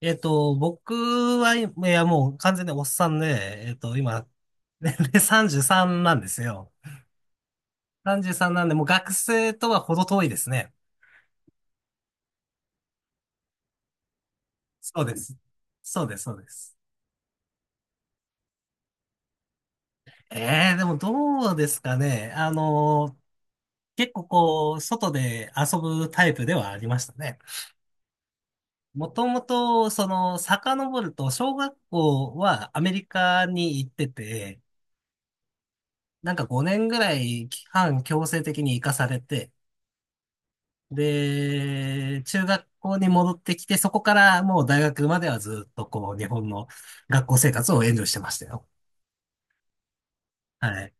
僕は、いや、もう完全におっさんで、今、年齢33なんですよ。33なんで、もう学生とは程遠いですね。そうです。そうです、そうです。ええでもどうですかね。結構こう、外で遊ぶタイプではありましたね。もともと、遡ると、小学校はアメリカに行ってて、なんか5年ぐらい期間強制的に行かされて、で、中学校に戻ってきて、そこからもう大学まではずっとこう、日本の学校生活をエンジョイしてましたよ。はい。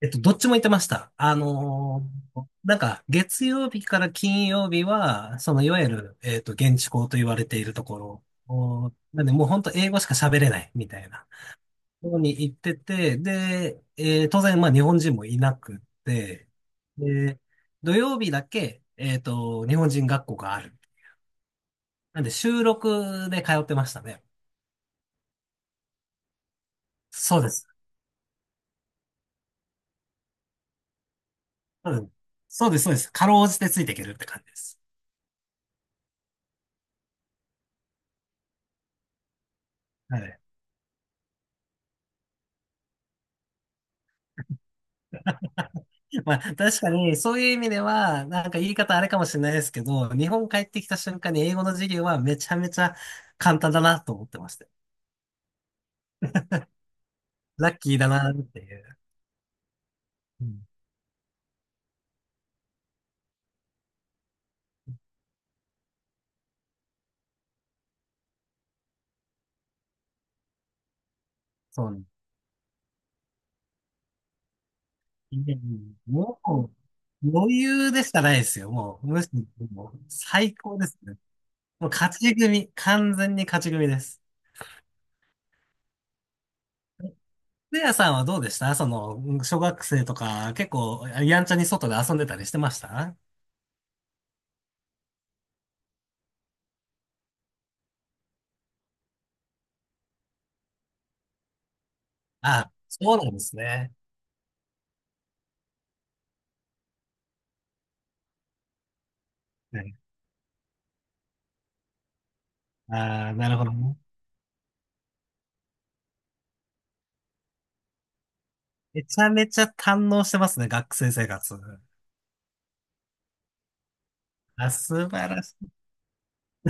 どっちも行ってました。なんか、月曜日から金曜日は、いわゆる、現地校と言われているところを、なんで、もう本当英語しか喋れないみたいなところに行ってて、で、当然、まあ、日本人もいなくて、で、土曜日だけ、日本人学校がある。なんで収録で通ってましたね。そうです。そうです。そうです、そうです。かろうじてついていけるって感じです。はい。まあ、確かに、そういう意味では、なんか言い方あれかもしれないですけど、日本帰ってきた瞬間に英語の授業はめちゃめちゃ簡単だなと思ってました。ラッキーだなっていう。うん、そうね。もう、余裕でしかないですよ。もう、むしろ、もう最高ですね。もう勝ち組、完全に勝ち組です。レアさんはどうでした小学生とか、結構、やんちゃに外で遊んでたりしてました？あ、そうなんですね。はい。ああ、なるほどね。めちゃめちゃ堪能してますね、学生生活。あ、素晴らしい。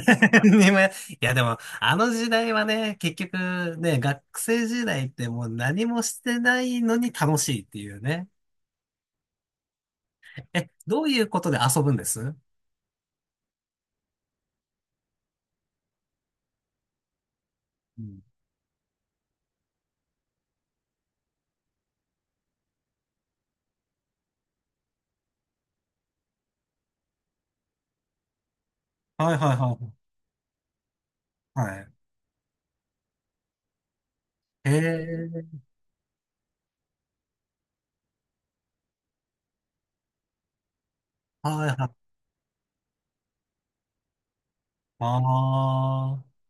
でもいや、でも、あの時代はね、結局ね、学生時代ってもう何もしてないのに楽しいっていうね。え、どういうことで遊ぶんです？うん。はいはいはいはい。はい。へえ。はいはい。ああ。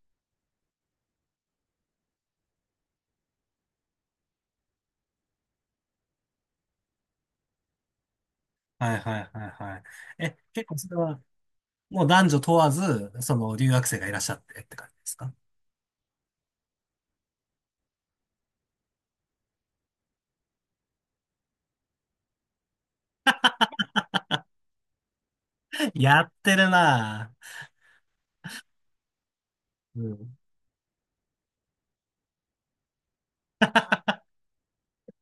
はいはいはいはい。え、結構それは、もう男女問わず、その留学生がいらっしゃってって感じですか？ やってるなぁ。うん。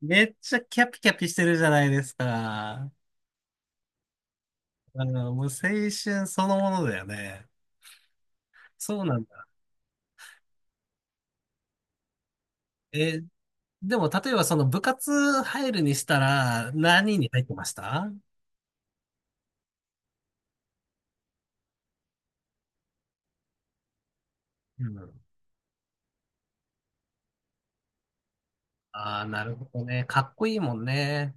めっちゃキャピキャピしてるじゃないですか。もう青春そのものだよね。そうなんだ。え、でも例えばその部活入るにしたら何に入ってました？うん。ああ、なるほどね。かっこいいもんね。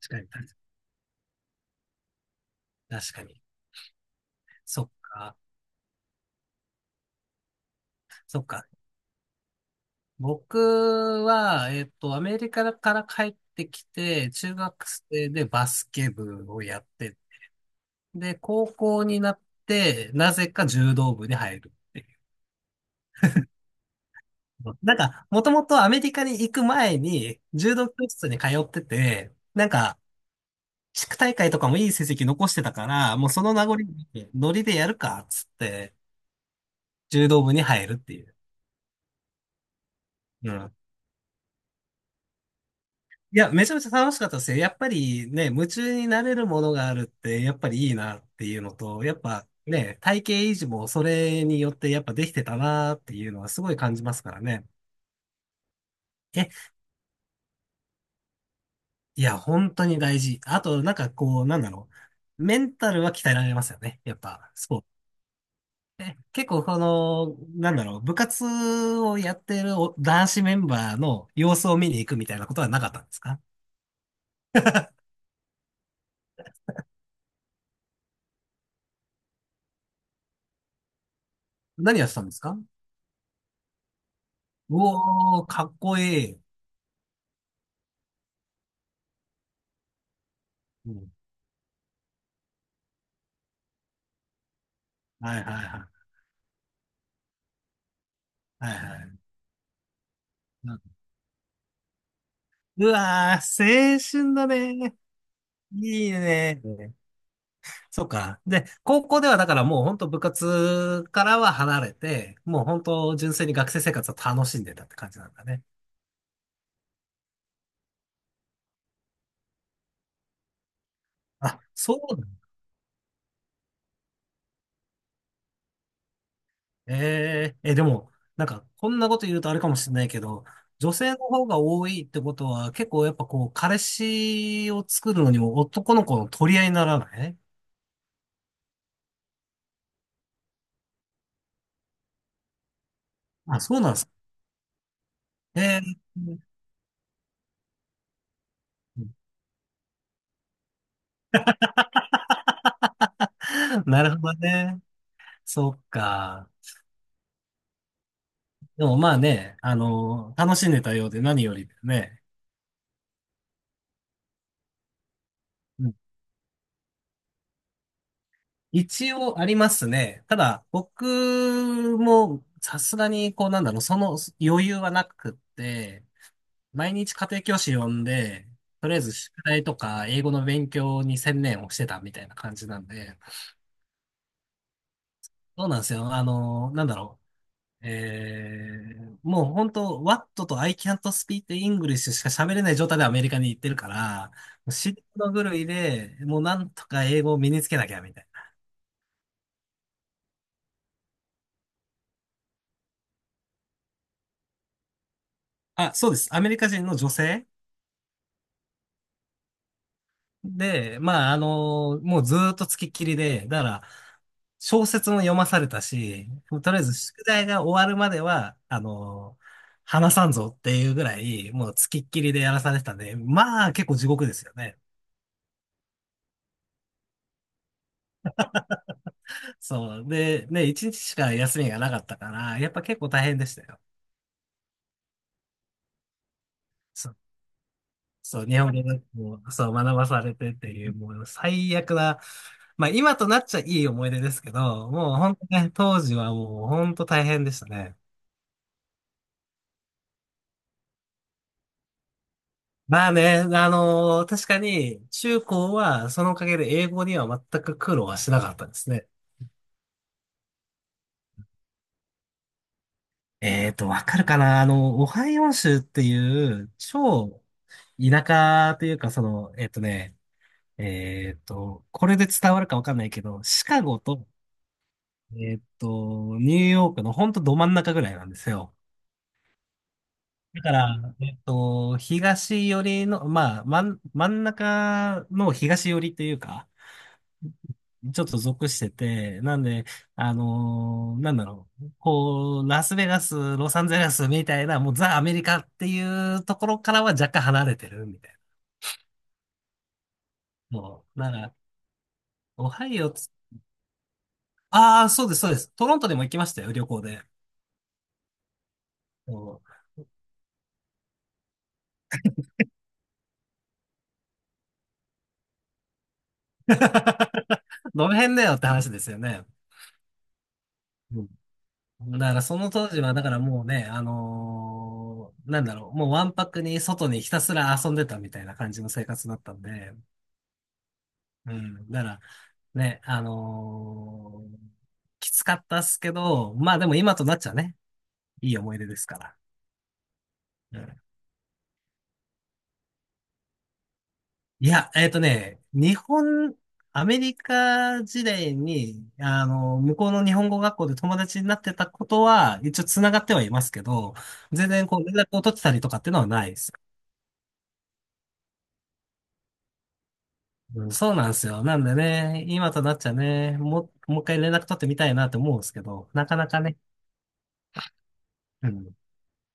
確かに、確かに。そっか。そっか。僕は、アメリカから帰ってきて、中学生でバスケ部をやって、で、高校になって、なぜか柔道部に入るっていう。なんか、もともとアメリカに行く前に、柔道教室に通ってて、なんか、地区大会とかもいい成績残してたから、もうその名残に、ノリでやるか、っつって、柔道部に入るっていう。うん。いや、めちゃめちゃ楽しかったですよ。やっぱりね、夢中になれるものがあるって、やっぱりいいなっていうのと、やっぱね、体型維持もそれによってやっぱできてたなっていうのはすごい感じますからね。え、いや、本当に大事。あと、なんかこう、なんだろう。メンタルは鍛えられますよね。やっぱ、スポーツ。え結構この、なんだろう、部活をやってるお男子メンバーの様子を見に行くみたいなことはなかったんですか？何やってたんですか？うおー、かっこいい。うん。はいはいはいはいはい。うわー、青春だね。いいね。そっか。で、高校ではだからもう本当部活からは離れて、もう本当純粋に学生生活を楽しんでたって感じなんだね。あ、そうだね。でも、なんかこんなこと言うとあれかもしれないけど、女性の方が多いってことは結構やっぱこう、彼氏を作るのにも男の子の取り合いにならない？あ、そうなんですか。えー なるほどね。そっか。でもまあね、楽しんでたようで何よりだよね。うん。一応ありますね。ただ、僕もさすがに、こうなんだろう、その余裕はなくって、毎日家庭教師呼んで、とりあえず宿題とか英語の勉強に専念をしてたみたいな感じなんで、そうなんですよ。なんだろう。もう本当、What と I can't speak English しか喋れない状態でアメリカに行ってるから、もう死ぬ狂いで、もうなんとか英語を身につけなきゃみたいな。あ、そうです。アメリカ人の女性で、まあ、もうずーっとつきっきりで、だから、小説も読まされたし、とりあえず宿題が終わるまでは、話さんぞっていうぐらい、もうつきっきりでやらされてたんで、まあ、結構地獄ですよね。そう。で、ね、一日しか休みがなかったから、やっぱ結構大変でしたよ。そう。そう、日本語学校、そう、学ばされてっていう、もう最悪な、まあ今となっちゃいい思い出ですけど、もう本当ね、当時はもう本当大変でしたね。まあね、確かに中高はそのおかげで英語には全く苦労はしなかったですね。わかるかなオハイオ州っていう超田舎というか、その、えっとね、えっと、これで伝わるかわかんないけど、シカゴと、ニューヨークのほんとど真ん中ぐらいなんですよ。だから、東寄りの、まあ、真ん中の東寄りというか、ちょっと属してて、なんで、なんだろう、こう、ラスベガス、ロサンゼルスみたいな、もうザ・アメリカっていうところからは若干離れてるみたいな。もう、なんか、オハイオつ、ああ、そうです、そうです。トロントでも行きましたよ、旅行で。そう どの辺だよって話ですよね。うん。だからその当時は、だからもうね、なんだろう、もうわんぱくに外にひたすら遊んでたみたいな感じの生活だったんで、うん、だからね、きつかったっすけど、まあでも今となっちゃね、いい思い出ですから。うん。いや、アメリカ時代に、向こうの日本語学校で友達になってたことは、一応繋がってはいますけど、全然こう連絡を取ってたりとかっていうのはないです。うん、そうなんですよ。なんでね、今となっちゃね、もう、もう一回連絡取ってみたいなって思うんですけど、なかなかね。うん。